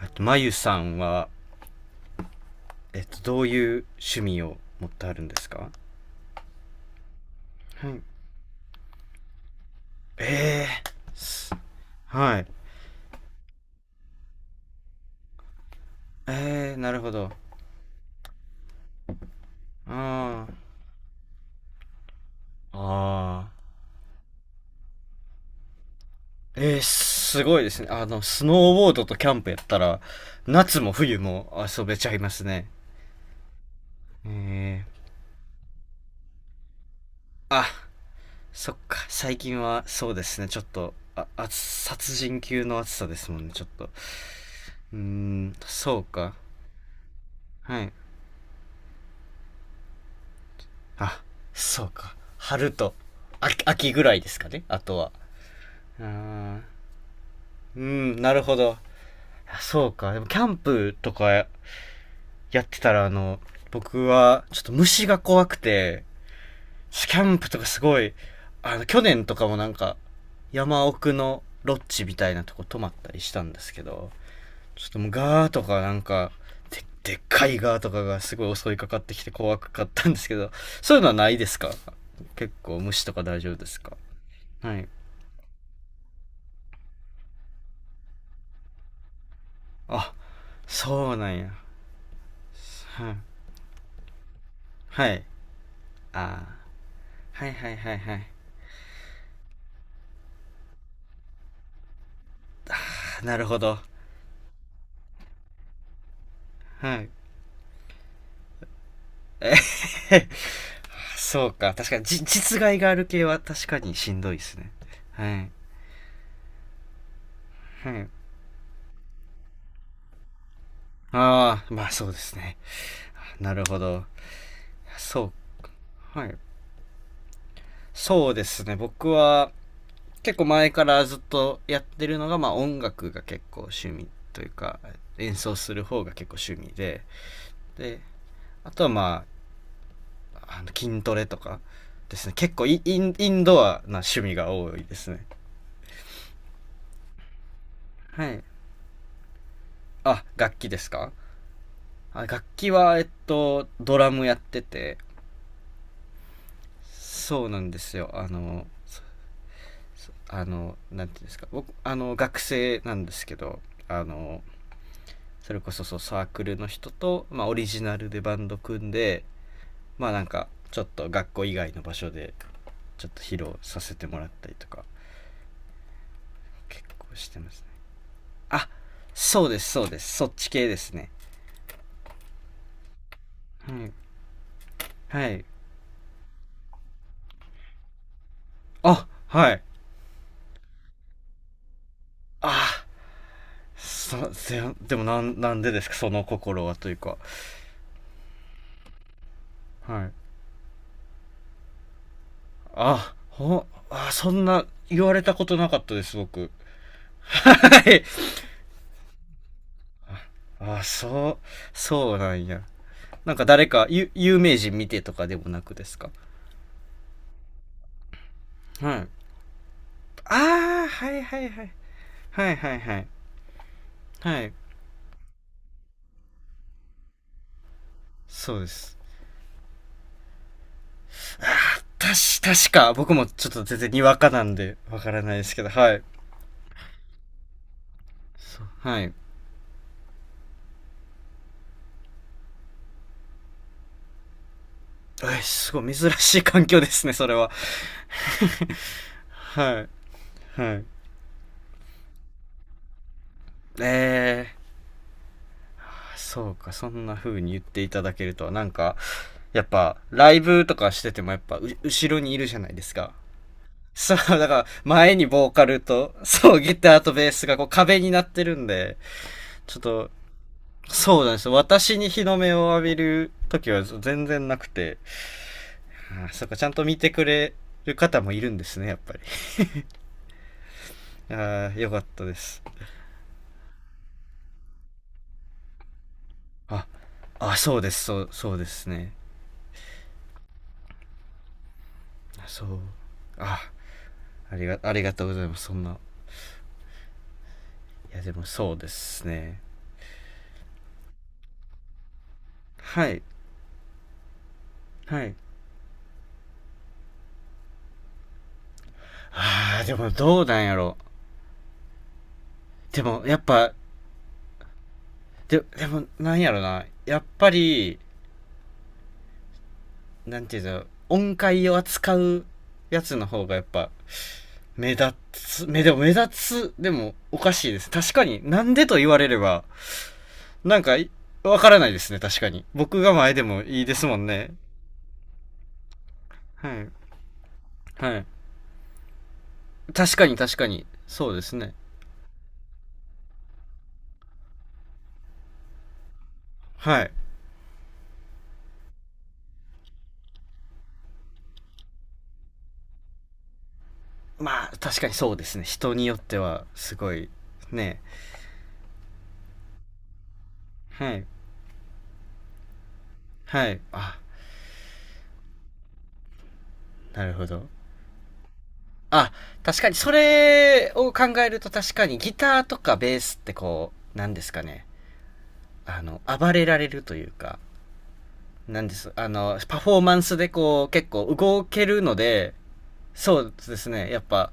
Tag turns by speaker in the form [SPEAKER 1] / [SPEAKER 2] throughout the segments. [SPEAKER 1] あと、まゆさんは、どういう趣味を持ってあるんですか？はい。えー、はい。えー、なるほど。あー、あ、あ。えー、すごいですね。あの、スノーボードとキャンプやったら、夏も冬も遊べちゃいますね。えー、あ、そっか。最近は、そうですね。ちょっと、あ、殺人級の暑さですもんね、ちょっと。うーん、そうか。はい。あ、そうか。春と秋ぐらいですかね、あとは。あ、うん、なるほど。そうか。でも、キャンプとかやってたら、あの、僕は、ちょっと虫が怖くて、キャンプとかすごい、あの、去年とかもなんか、山奥のロッジみたいなとこ泊まったりしたんですけど、ちょっともうガーとかなんか、でっかいガーとかがすごい襲いかかってきて怖かったんですけど、そういうのはないですか？結構虫とか大丈夫ですか？はい。あ、そうなんや。はい。はい。あー、はいはいはいはい。あ、なるほど。はい。そうか。確かに、実害がある系は確かにしんどいですね。はい。はい。ああ、まあそうですね。なるほど。そう。はい。そうですね。僕は結構前からずっとやってるのが、まあ、音楽が結構趣味というか、演奏する方が結構趣味で、で、あとはまああの筋トレとかですね。結構インドアな趣味が多いですね。はい。あ、楽器ですか？あ、楽器はドラムやってて。そうなんですよ。あのそそあの、なんていうんですか、僕あの学生なんですけど、あの、それこそサークルの人と、まあ、オリジナルでバンド組んで、まあなんかちょっと学校以外の場所でちょっと披露させてもらったりとか結構してます。あ、そうです、そうです。そっち系ですね。はい。はい。あ、はい。あ、さ、せんでもなん、なんでですか、その心はというか。はい。あ、あ、そんな言われたことなかったです、僕。はい。あ、そうなんや。なんか誰か、有名人見てとかでもなくですか？はい。ああ、はいはいはい。はいはいはい。はい。そうです。確か、僕もちょっと全然にわかなんで、わからないですけど、はい。はい。え、すごい珍しい環境ですね、それは。はい。はい。えー。そうか、そんな風に言っていただけるとは、なんか、やっぱ、ライブとかしててもやっぱ、後ろにいるじゃないですか。そう、だから、前にボーカルと、そう、ギターとベースがこう壁になってるんで、ちょっと、そうなんですよ。私に日の目を浴びる時は全然なくて、ああ、そっか、ちゃんと見てくれる方もいるんですね、やっぱり。ああ、よかったです。あ、あ、そうです、そうですね。あ、そう。あ、ありがとうございます、そんな。いや、でもそうですね。はい、はい。ああ、でもどうなんやろ。でも、やっぱ、でも、なんやろな。やっぱり、なんていうんだろう、音階を扱うやつの方がやっぱ、目立つ、でも目立つ、でもおかしいです。確かに、なんでと言われれば、なんかわからないですね、確かに。僕が前でもいいですもんね。はい。はい。確かに確かに。そうですね。はい。まあ、確かにそうですね。人によっては、すごい、ね。はい。はい。あ、なるほど。あ、確かに、それを考えると確かに、ギターとかベースってこう、なんですかね。あの、暴れられるというか、なんです。あの、パフォーマンスでこう、結構動けるので、そうですね。やっぱ、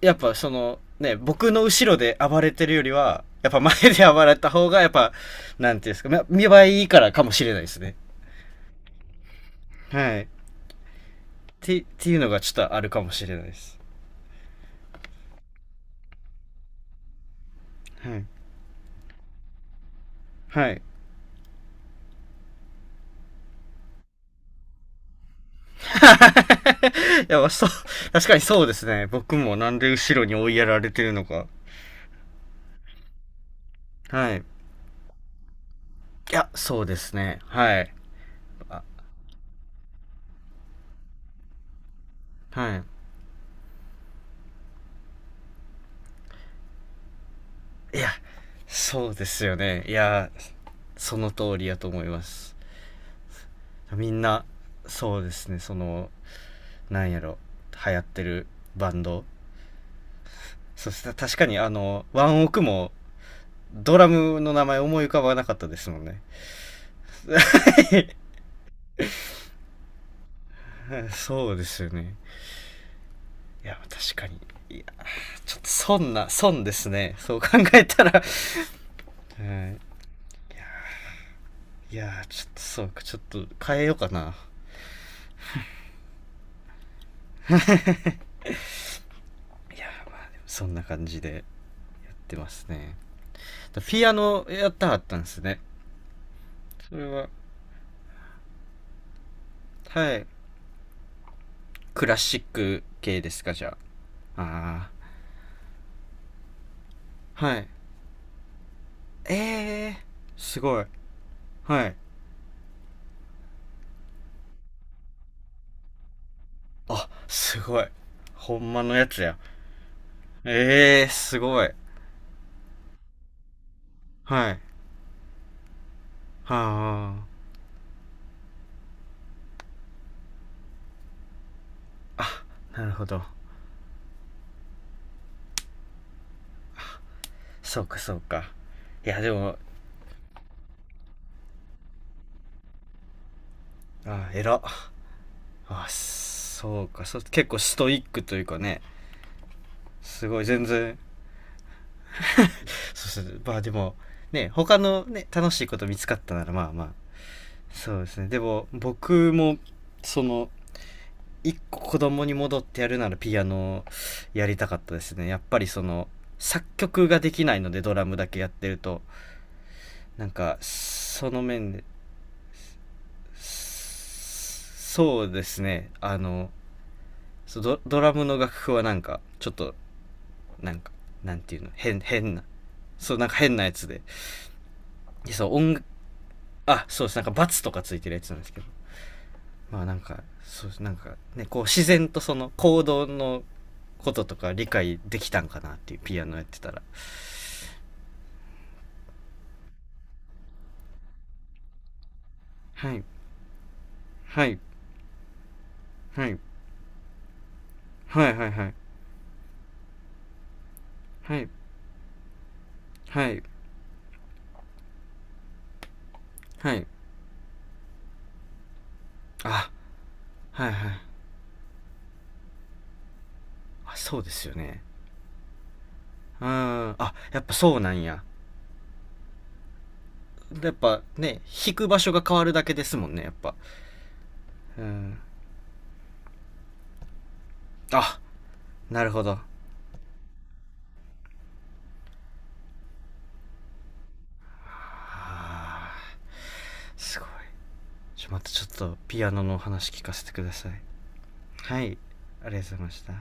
[SPEAKER 1] やっぱその、ね、僕の後ろで暴れてるよりは、やっぱ前で暴れた方が、やっぱ、なんていうんですか、見栄えいいからかもしれないですね。はい。っていうのがちょっとあるかもしれないです。はい。はい。いや、そう、確かにそうですね。僕もなんで後ろに追いやられてるのか。はい。いや、そうですね。はい。あ、はい。いや、そうですよね。いや、その通りやと思います。みんな、そうですね、その、なんやろ、流行ってるバンドそしたら確かに、あの、ワンオクもドラムの名前思い浮かばなかったですもんね。 そうですよね。いや確かに。いや、ちょっと損な損ですね、そう考えたら。うん、いやちょっとそうか、ちょっと変えようかな。いやまあ、でもそんな感じでやってますね。ピアノやったはったんですね。それは、はい、クラシック系ですか、じゃあ？ああ、はい。ええ。ー、すごい。はい。あ、すごい。ほんまのやつや。ええー、すごい。はい。はあ。なるほど。そうか、そうか。いや、でも、あ、偉っ。あ、そうか。そう、結構ストイックというかね。すごい、全然。そうですね、まあでも、ね、他のね、楽しいこと見つかったなら、まあまあ。そうですね。でも、僕も、その、一個子供に戻ってやるならピアノをやりたかったですね。やっぱりその、作曲ができないのでドラムだけやってると、なんか、その面で、そうですね。あの、ドラムの楽譜はなんか、ちょっと、なんか、なんていうの、変な、そう、なんか変なやつで。でそう、音あ、そうです。なんかバツとかついてるやつなんですけど。まあなんかそう、なんかね、こう自然とその行動のこととか理解できたんかなっていう、ピアノやってたら。はいはいはいはい。はいはいはいはい。はい。あ、はいはい。あ、そうですよね。うん。あ、やっぱそうなんや。やっぱね、弾く場所が変わるだけですもんね、やっぱ。うん。あ、なるほど。あー、すごい。また、ちょっとピアノのお話聞かせてください。はい。ありがとうございました。